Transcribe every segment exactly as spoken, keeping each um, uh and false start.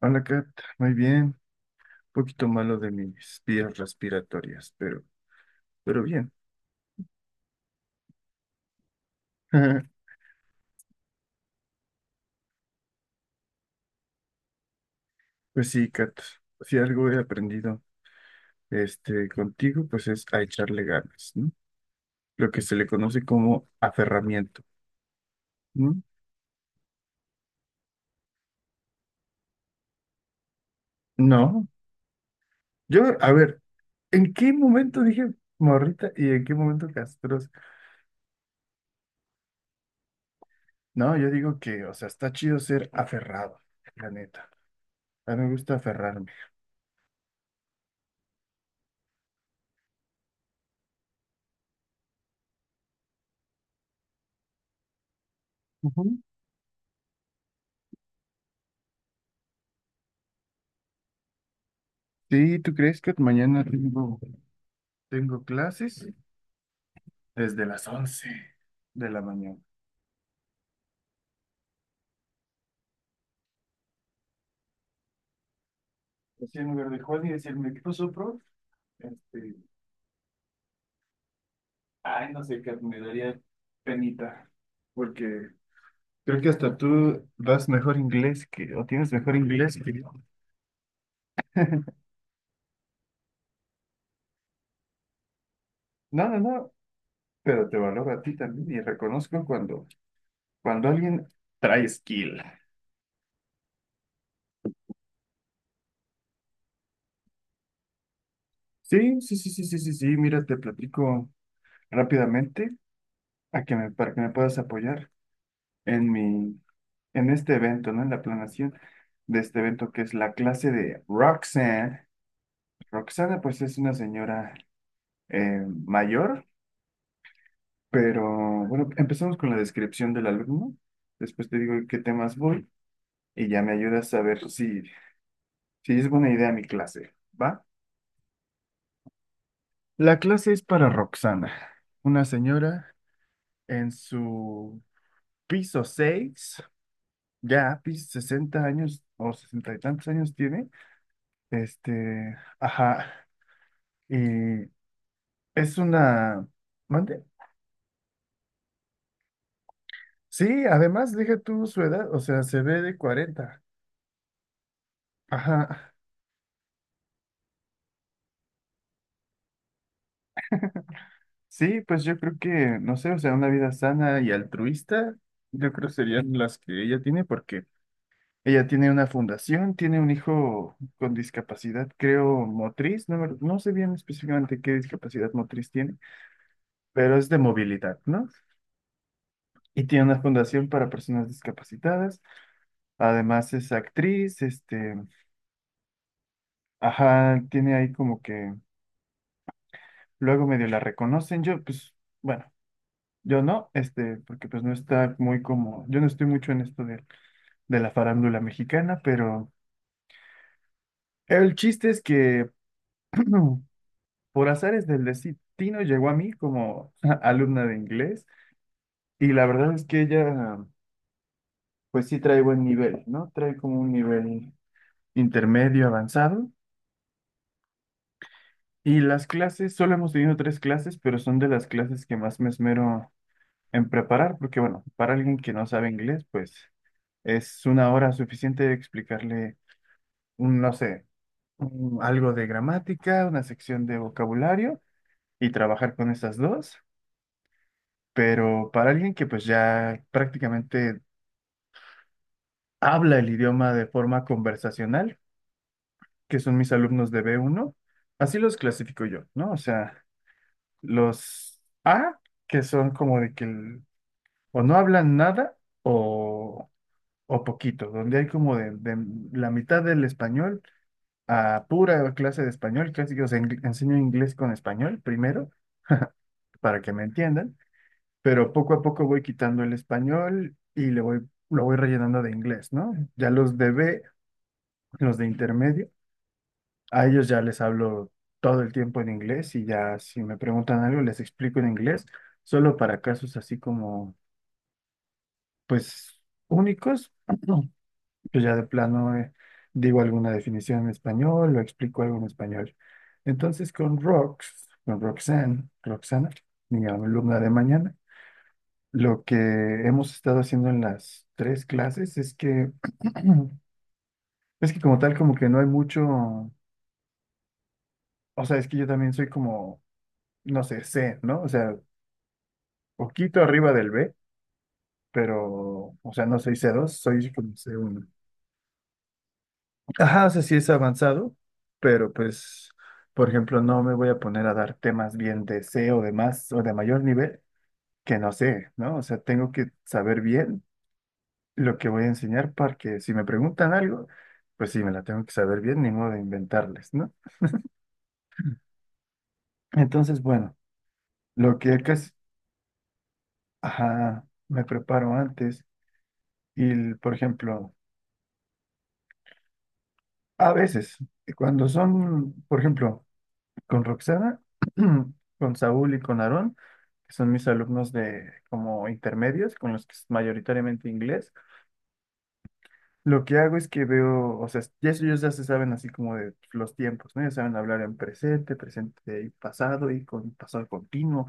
Hola, Kat. Muy bien. Un poquito malo de mis vías respiratorias, pero, pero bien. Pues sí, Kat. Si algo he aprendido este, contigo, pues es a echarle ganas, ¿no? Lo que se le conoce como aferramiento. ¿No? No. Yo, a ver, ¿en qué momento dije morrita y en qué momento castrosa? No, yo digo que, o sea, está chido ser aferrado, la neta. A mí me gusta aferrarme. Ujú. Sí, ¿tú crees que mañana tengo, tengo clases? Desde las once de la mañana. Así en lugar de Juan y decirme, ¿qué pasó, prof? Este, Ay, no sé, qué me daría penita, porque creo que hasta tú das mejor inglés que, o tienes mejor inglés que yo. No, no, no, pero te valoro a ti también y reconozco cuando, cuando alguien trae skill. Sí, sí, sí, sí, sí, sí, sí, mira, te platico rápidamente a que me, para que me puedas apoyar en mi, en este evento, ¿no? En la planeación de este evento que es la clase de Roxanne. Roxana, pues es una señora eh, mayor, pero bueno, empezamos con la descripción del alumno. Después te digo en qué temas voy y ya me ayudas a ver si, si es buena idea mi clase, ¿va? La clase es para Roxana, una señora en su piso seis ya piso sesenta años o sesenta y tantos años tiene. Este, ajá, y es una... ¿Mande? Sí, además, deja tú su edad, o sea, se ve de cuarenta. Ajá, sí, pues yo creo que, no sé, o sea, una vida sana y altruista, yo creo serían las que ella tiene, porque ella tiene una fundación, tiene un hijo con discapacidad, creo, motriz, no, me- no sé bien específicamente qué discapacidad motriz tiene, pero es de movilidad, ¿no? Y tiene una fundación para personas discapacitadas. Además es actriz, este, ajá, tiene ahí como que luego medio la reconocen. Yo, pues, bueno, yo no, este, porque pues no está muy como, yo no estoy mucho en esto de, de, la farándula mexicana, pero el chiste es que por azares del destino llegó a mí como alumna de inglés y la verdad es que ella, pues sí trae buen nivel, ¿no? Trae como un nivel intermedio avanzado. Y las clases, solo hemos tenido tres clases, pero son de las clases que más me esmero en preparar, porque bueno, para alguien que no sabe inglés, pues es una hora suficiente de explicarle, un, no sé, un- algo de gramática, una sección de vocabulario y trabajar con esas dos. Pero para alguien que pues ya prácticamente habla el idioma de forma conversacional, que son mis alumnos de b uno, así los clasifico yo, ¿no? O sea, los A, que son como de que... o no hablan nada o, o poquito, donde hay como de, de la mitad del español a pura clase de español, casi que os en- enseño inglés con español primero para que me entiendan, pero poco a poco voy quitando el español y le voy, lo voy rellenando de inglés, ¿no? Ya los de B, los de intermedio, a ellos ya les hablo todo el tiempo en inglés y ya si me preguntan algo les explico en inglés, solo para casos así como, pues, únicos. Yo ya de plano eh, digo alguna definición en español o explico algo en español. Entonces con Rox, con Roxanne, Roxana, mi alumna de mañana, lo que hemos estado haciendo en las tres clases es que, es que como tal como que no hay mucho, o sea, es que yo también soy como, no sé, C, ¿no? O sea, poquito arriba del B, pero, o sea, no soy c dos, soy como c uno. Ajá, o sea, sí es avanzado, pero pues, por ejemplo, no me voy a poner a dar temas bien de C o de más o de mayor nivel que no sé, ¿no? O sea, tengo que saber bien lo que voy a enseñar para que si me preguntan algo, pues sí, me la tengo que saber bien, ni modo de inventarles, ¿no? Entonces, bueno, lo que casi, ajá, me preparo antes y, por ejemplo, a veces, cuando son, por ejemplo, con Roxana, con Saúl y con Aarón, que son mis alumnos de como intermedios, con los que es mayoritariamente inglés. Lo que hago es que veo, o sea, ya ellos ellos ya se saben así como de los tiempos, ¿no? Ya saben hablar en presente, presente y pasado, y con pasado continuo,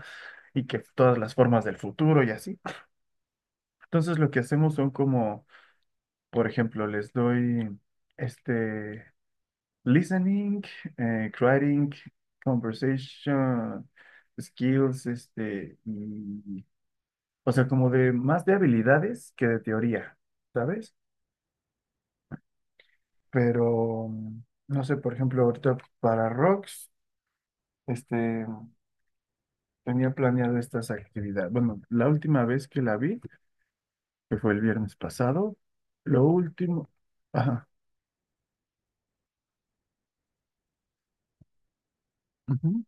y que todas las formas del futuro y así. Entonces lo que hacemos son como, por ejemplo, les doy este. Listening, eh, creating, conversation, skills, este, y, o sea, como de más de habilidades que de teoría, ¿sabes? Pero, mm, no sé, por ejemplo, ahorita para rocks, este, tenía planeado estas actividades. Bueno, la última vez que la vi, que fue el viernes pasado, lo último, ajá. Ujú.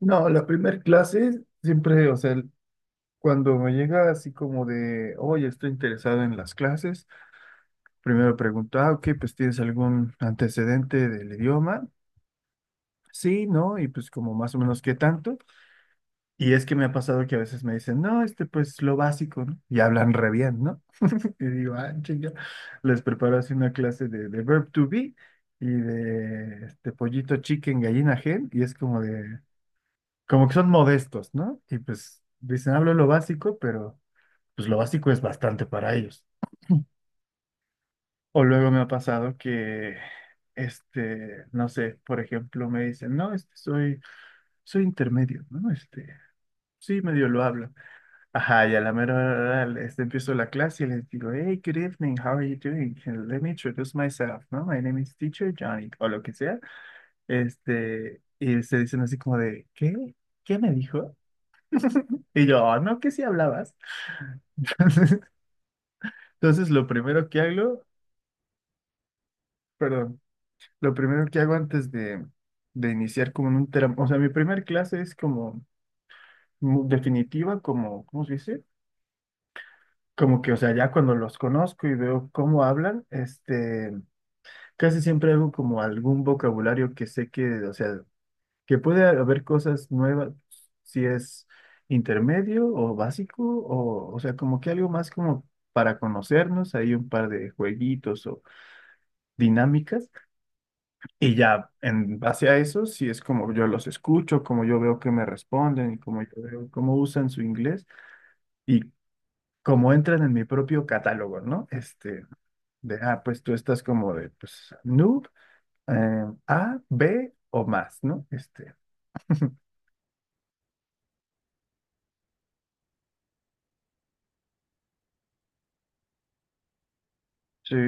No, la primer clase siempre, o sea, cuando me llega así como de, oye, estoy interesado en las clases, primero pregunto, ah, ok, pues ¿tienes algún antecedente del idioma? Sí, ¿no? Y pues como más o menos qué tanto. Y es que me ha pasado que a veces me dicen, no, este pues lo básico, ¿no? Y hablan re bien, ¿no? Y digo, ah, chinga, les preparo así una clase de, de, verb to be y de este pollito chicken, gallina hen, y es como de, como que son modestos, ¿no? Y pues dicen, hablo lo básico, pero... pues lo básico es bastante para ellos. O luego me ha pasado que, este, no sé, por ejemplo, me dicen, no, este, soy, soy intermedio, ¿no? Este, sí, medio lo hablo. Ajá, y a la mera hora, este, empiezo la clase y les digo, hey, good evening, how are you doing? Let me introduce myself, ¿no? My name is teacher Johnny, o lo que sea. Este, y se dicen así como de, ¿qué? ¿Qué me dijo? Y yo, "Ah, no, que sí hablabas". Entonces, lo primero que hago, perdón. Lo primero que hago antes de, de iniciar como en un tram, o sea, mi primer clase es como mu- definitiva, como, ¿cómo se dice? Como que, o sea, ya cuando los conozco y veo cómo hablan, este, casi siempre hago como algún vocabulario que sé que, o sea, que puede haber cosas nuevas, si es intermedio o básico, o, o sea, como que algo más como para conocernos, hay un par de jueguitos o dinámicas. Y ya en base a eso, sí es como yo los escucho, como yo veo que me responden y como yo veo cómo usan su inglés y cómo entran en mi propio catálogo, ¿no? Este, de, ah, pues tú estás como de, pues, noob, eh, A, B o más, ¿no? Este, sí.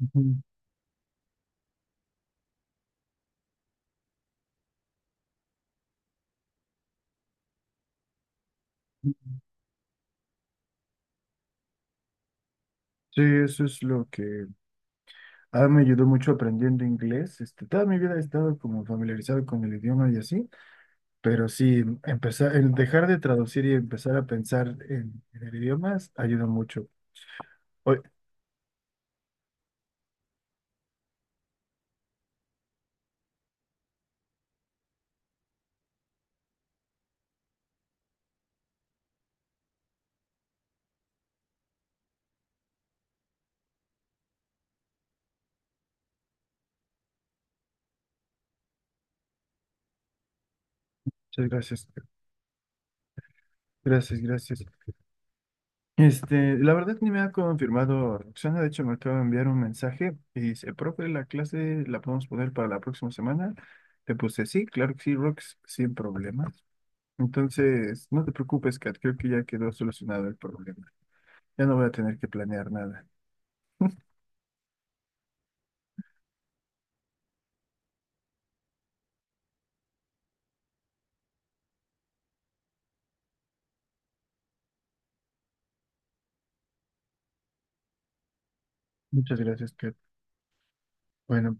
Ujú. Sí, eso es lo que ah, me ayudó mucho aprendiendo inglés. Este, toda mi vida he estado como familiarizado con el idioma y así, pero sí, empezar, el dejar de traducir y empezar a pensar en, en el idioma ayuda mucho. Oye, muchas gracias. Gracias, gracias. Este, la verdad ni me ha confirmado Roxana, de hecho me acaba de enviar un mensaje y dice, profe, la clase la podemos poner para la próxima semana. Le puse sí, claro que sí, Rox, sin problemas. Entonces, no te preocupes, Kat, creo que ya quedó solucionado el problema. Ya no voy a tener que planear nada. Muchas gracias, Kat. Bueno,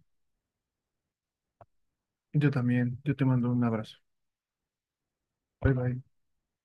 yo también, yo te mando un abrazo. Bye bye.